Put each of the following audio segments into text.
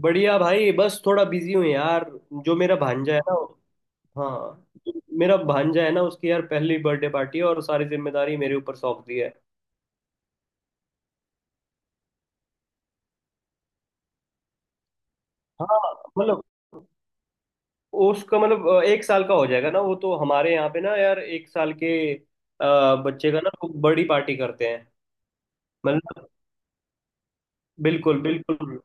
बढ़िया भाई। बस थोड़ा बिजी हूँ यार। जो मेरा भांजा है ना। हाँ। जो मेरा भांजा है ना, उसकी यार पहली बर्थडे पार्टी है और सारी जिम्मेदारी मेरे ऊपर सौंप दी है। हाँ। मतलब उसका मतलब 1 साल का हो जाएगा ना। वो तो हमारे यहाँ पे ना यार 1 साल के बच्चे का ना वो बड़ी पार्टी करते हैं। मतलब बिल्कुल बिल्कुल।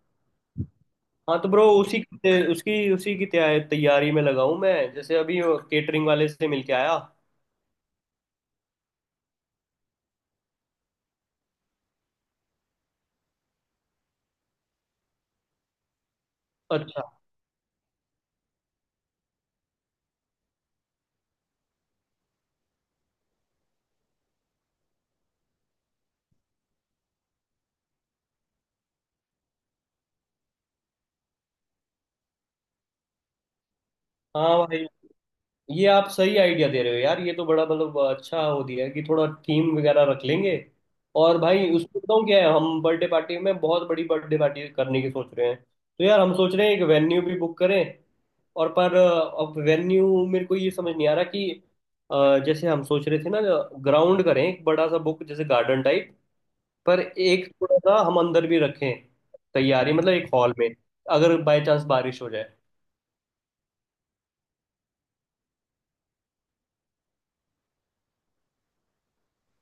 हाँ तो ब्रो उसकी उसी की तैयारी में लगा हूँ मैं। जैसे अभी केटरिंग वाले से मिलके आया। अच्छा। हाँ भाई ये आप सही आइडिया दे रहे हो यार। ये तो बड़ा मतलब अच्छा हो दिया है कि थोड़ा थीम वगैरह रख लेंगे। और भाई उसमें बताऊँ क्या है, हम बर्थडे पार्टी में बहुत बड़ी बर्थडे पार्टी करने की सोच रहे हैं, तो यार हम सोच रहे हैं एक वेन्यू भी बुक करें। और पर अब वेन्यू मेरे को ये समझ नहीं आ रहा कि जैसे हम सोच रहे थे ना, ग्राउंड करें एक बड़ा सा बुक, जैसे गार्डन टाइप। पर एक थोड़ा सा हम अंदर भी रखें, तैयारी मतलब एक हॉल में, अगर बाय चांस बारिश हो जाए।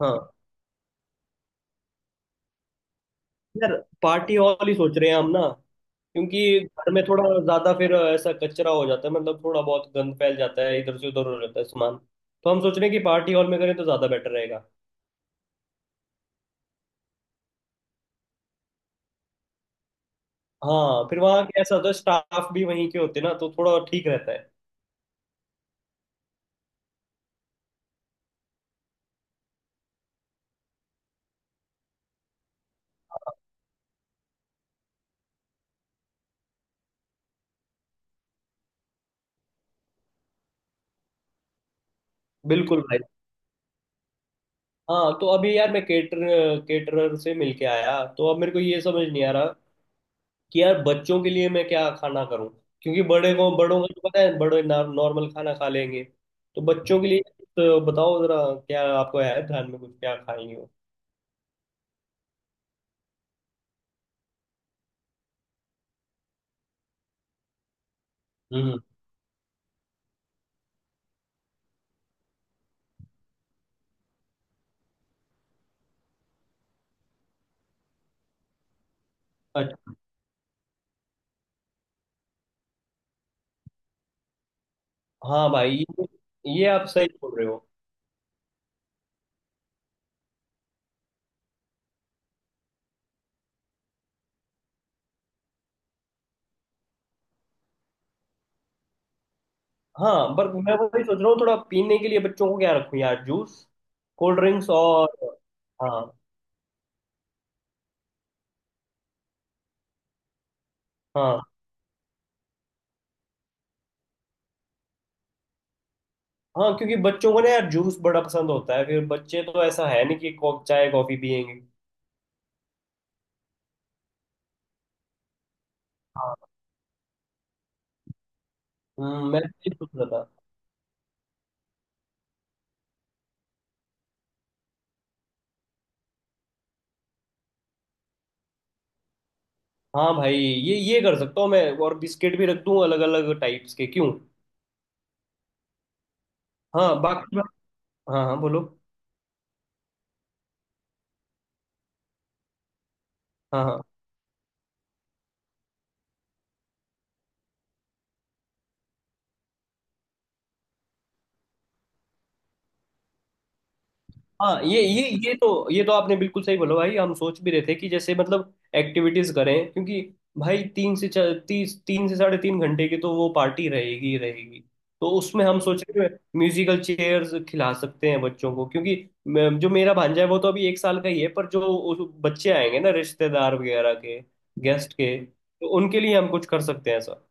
हाँ यार पार्टी हॉल ही सोच रहे हैं हम ना, क्योंकि घर में थोड़ा ज्यादा फिर ऐसा कचरा हो जाता है, मतलब थोड़ा बहुत गंद फैल जाता है, इधर से उधर हो जाता है सामान। तो हम सोच रहे हैं कि पार्टी हॉल में करें तो ज्यादा बेटर रहेगा। हाँ फिर वहाँ कैसा होता है, स्टाफ भी वहीं के होते हैं ना, तो थोड़ा ठीक रहता है। हाँ, बिल्कुल भाई। हाँ तो अभी यार मैं केटरर से मिलके आया। तो अब मेरे को ये समझ नहीं आ रहा कि यार बच्चों के लिए मैं क्या खाना करूँ, क्योंकि बड़े को बड़ों को तो पता है, बड़े नॉर्मल खाना खा लेंगे। तो बच्चों के लिए, तो बताओ जरा क्या आपको है ध्यान में कुछ, क्या खाएंगे वो। हम्म। अच्छा। हाँ भाई ये आप सही बोल रहे हो। हाँ पर मैं वही सोच रहा हूँ, थोड़ा पीने के लिए बच्चों को क्या रखूँ यार, जूस, कोल्ड ड्रिंक्स और। हाँ। हाँ। हाँ क्योंकि बच्चों को ना यार जूस बड़ा पसंद होता है। फिर बच्चे तो ऐसा है नहीं कि चाय कॉफी पियेंगे। हाँ। मैं ये सोच रहा था। हाँ भाई ये कर सकता हूँ मैं। और बिस्किट भी रख दूँ अलग अलग टाइप्स के क्यों। हाँ बाकी। हाँ हाँ बोलो। हाँ, हाँ, हाँ। ये तो आपने बिल्कुल सही बोला भाई। हम सोच भी रहे थे कि जैसे मतलब एक्टिविटीज करें, क्योंकि भाई 3 से साढ़े 3 घंटे की तो वो पार्टी रहेगी ही रहेगी। तो उसमें हम सोच रहे थे म्यूजिकल चेयर्स खिला सकते हैं बच्चों को, क्योंकि जो मेरा भांजा है वो तो अभी 1 साल का ही है, पर जो बच्चे आएंगे ना, रिश्तेदार वगैरह के गेस्ट के, तो उनके लिए हम कुछ कर सकते हैं ऐसा।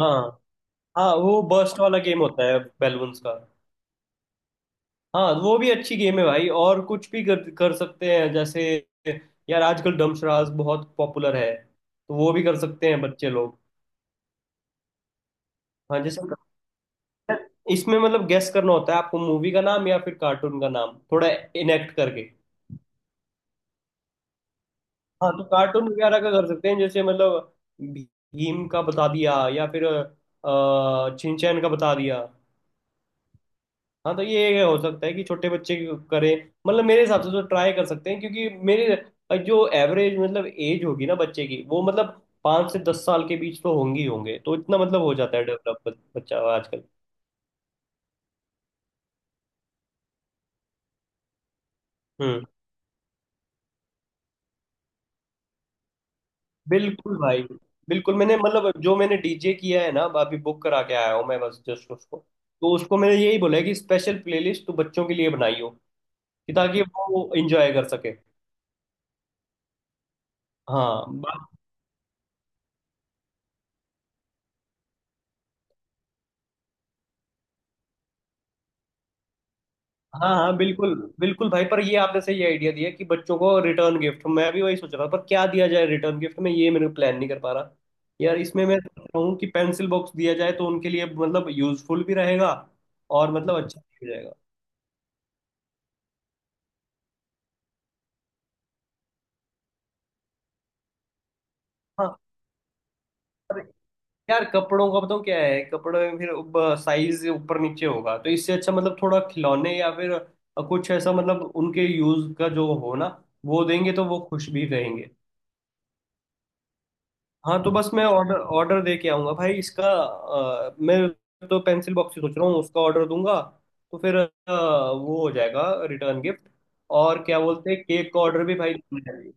हाँ। हाँ वो बर्स्ट वाला गेम होता है बैलून्स का। हाँ वो भी अच्छी गेम है भाई। और कुछ भी कर कर सकते हैं, जैसे यार आजकल डमशराज बहुत पॉपुलर है, तो वो भी कर सकते हैं बच्चे लोग। हाँ जैसे इसमें मतलब गेस करना होता है आपको, मूवी का नाम या फिर कार्टून का नाम, थोड़ा इनेक्ट करके। हाँ तो कार्टून वगैरह का कर सकते हैं, जैसे मतलब भी- भीम का बता दिया या फिर छिंचैन का बता दिया। हाँ तो ये हो सकता है कि छोटे बच्चे करें। मतलब मेरे हिसाब से तो ट्राई कर सकते हैं, क्योंकि मेरे जो एवरेज मतलब एज होगी ना बच्चे की, वो मतलब 5 से 10 साल के बीच तो होंगी ही होंगे, तो इतना मतलब हो जाता है डेवलप बच्चा आजकल। हम्म बिल्कुल भाई। बिल्कुल मैंने, मतलब जो मैंने डीजे किया है ना अभी, बुक करा के आया हूँ मैं, बस जस्ट उसको। तो उसको मैंने यही बोला है कि स्पेशल प्लेलिस्ट तो बच्चों के लिए बनाई हो, कि ताकि वो एंजॉय कर सके। हाँ हाँ। हाँ बिल्कुल। बिल्कुल भाई पर ये आपने सही आइडिया दिया कि बच्चों को रिटर्न गिफ्ट। मैं भी वही सोच रहा था, पर क्या दिया जाए रिटर्न गिफ्ट में, ये मेरे प्लान नहीं कर पा रहा। यार इसमें मैं सोच रहा हूँ कि पेंसिल बॉक्स दिया जाए, तो उनके लिए मतलब यूजफुल भी रहेगा और मतलब अच्छा भी हो जाएगा। हाँ यार कपड़ों का बताऊँ क्या है, कपड़े में फिर साइज ऊपर नीचे होगा, तो इससे अच्छा मतलब थोड़ा खिलौने या फिर कुछ ऐसा मतलब उनके यूज का जो हो ना, वो देंगे तो वो खुश भी रहेंगे। हाँ तो बस मैं ऑर्डर ऑर्डर दे के आऊँगा भाई इसका, मैं तो पेंसिल बॉक्स ही सोच रहा हूँ, उसका ऑर्डर दूंगा, तो फिर वो हो जाएगा रिटर्न गिफ्ट। और क्या बोलते हैं, केक का ऑर्डर भी भाई दूंगा मैं।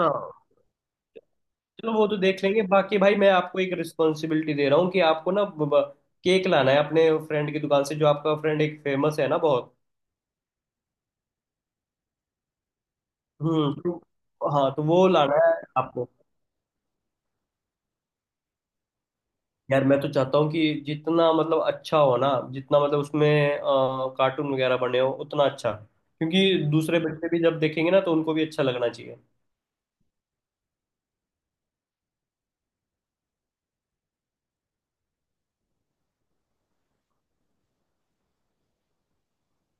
हाँ चलो वो तो देख लेंगे। बाकी भाई मैं आपको एक रिस्पॉन्सिबिलिटी दे रहा हूँ कि आपको ना केक लाना है अपने फ्रेंड की दुकान से, जो आपका फ्रेंड एक फेमस है ना बहुत। हाँ तो वो लाना है आपको। यार मैं तो चाहता हूँ कि जितना मतलब अच्छा हो ना, जितना मतलब उसमें कार्टून वगैरह बने हो उतना अच्छा, क्योंकि दूसरे बच्चे भी जब देखेंगे ना तो उनको भी अच्छा लगना चाहिए।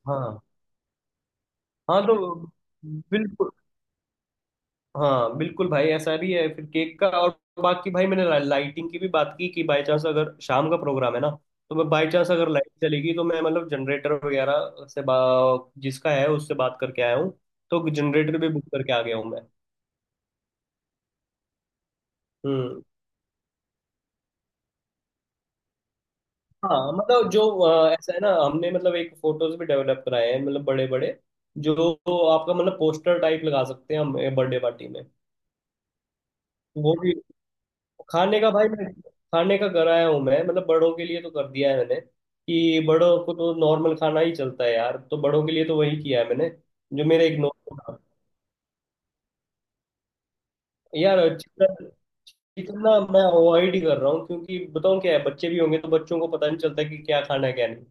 हाँ हाँ तो। बिल्कुल हाँ बिल्कुल भाई, ऐसा भी है फिर केक का। और बाकी भाई मैंने लाइटिंग की भी बात की कि बाय चांस अगर शाम का प्रोग्राम है ना, तो मैं बाय चांस अगर लाइट चलेगी तो मैं मतलब जनरेटर वगैरह से, बा जिसका है उससे बात करके आया हूँ, तो जनरेटर भी बुक करके आ गया हूँ मैं। हम्म। हाँ मतलब जो ऐसा है ना, हमने मतलब एक फोटोज भी डेवलप कराए हैं मतलब बड़े बड़े, जो जो आपका मतलब पोस्टर टाइप लगा सकते हैं हम बर्थडे पार्टी में। वो भी। खाने का भाई मैं, खाने का कराया हूँ मैं, मतलब बड़ों के लिए तो कर दिया है मैंने, कि बड़ों को तो नॉर्मल खाना ही चलता है यार, तो बड़ों के लिए तो वही किया है मैंने। जो मेरे एक नॉर्मल था। यार चिकन चिकन ना मैं अवॉइड ही कर रहा हूँ, क्योंकि बताऊँ क्या है, बच्चे भी होंगे तो बच्चों को पता नहीं चलता कि क्या खाना है क्या नहीं।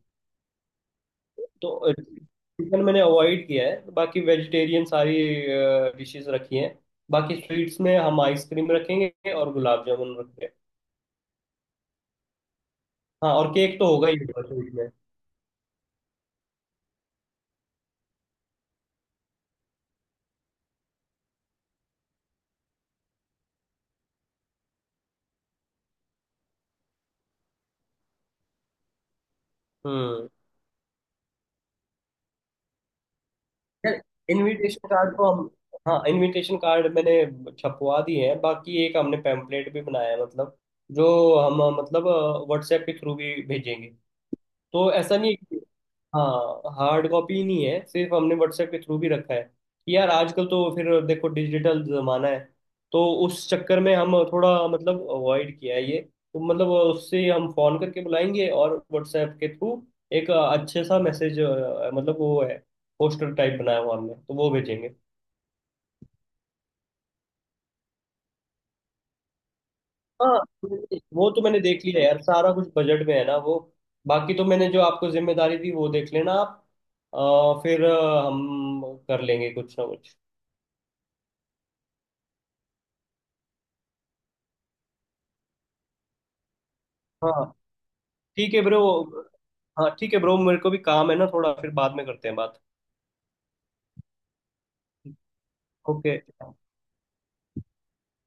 तो चिकन मैंने अवॉइड किया है, बाकी वेजिटेरियन सारी डिशेस रखी हैं। बाकी स्वीट्स में हम आइसक्रीम रखेंगे और गुलाब जामुन रखेंगे। हाँ और केक तो होगा ही होगा स्वीट में। हम्म। यार इनविटेशन कार्ड को हम, हाँ इनविटेशन कार्ड मैंने छपवा दिए हैं। बाकी एक हमने पैम्पलेट भी बनाया है, मतलब जो हम मतलब व्हाट्सएप के थ्रू भी भेजेंगे। तो ऐसा नहीं है कि, हाँ हार्ड कॉपी ही नहीं है, सिर्फ हमने व्हाट्सएप के थ्रू भी रखा है। कि यार आजकल तो फिर देखो डिजिटल जमाना है, तो उस चक्कर में हम थोड़ा मतलब अवॉइड किया है ये। तो मतलब उससे हम फोन करके बुलाएंगे और व्हाट्सएप के थ्रू एक अच्छे सा मैसेज, मतलब वो है पोस्टर टाइप बनाया हुआ हमने, तो वो भेजेंगे। हाँ वो तो मैंने देख लिया यार, सारा कुछ बजट में है ना वो। बाकी तो मैंने जो आपको जिम्मेदारी दी वो देख लेना आप, फिर हम कर लेंगे कुछ ना कुछ। हाँ ठीक है ब्रो। हाँ ठीक है ब्रो, मेरे को भी काम है ना थोड़ा, फिर बाद में करते हैं बात। ओके।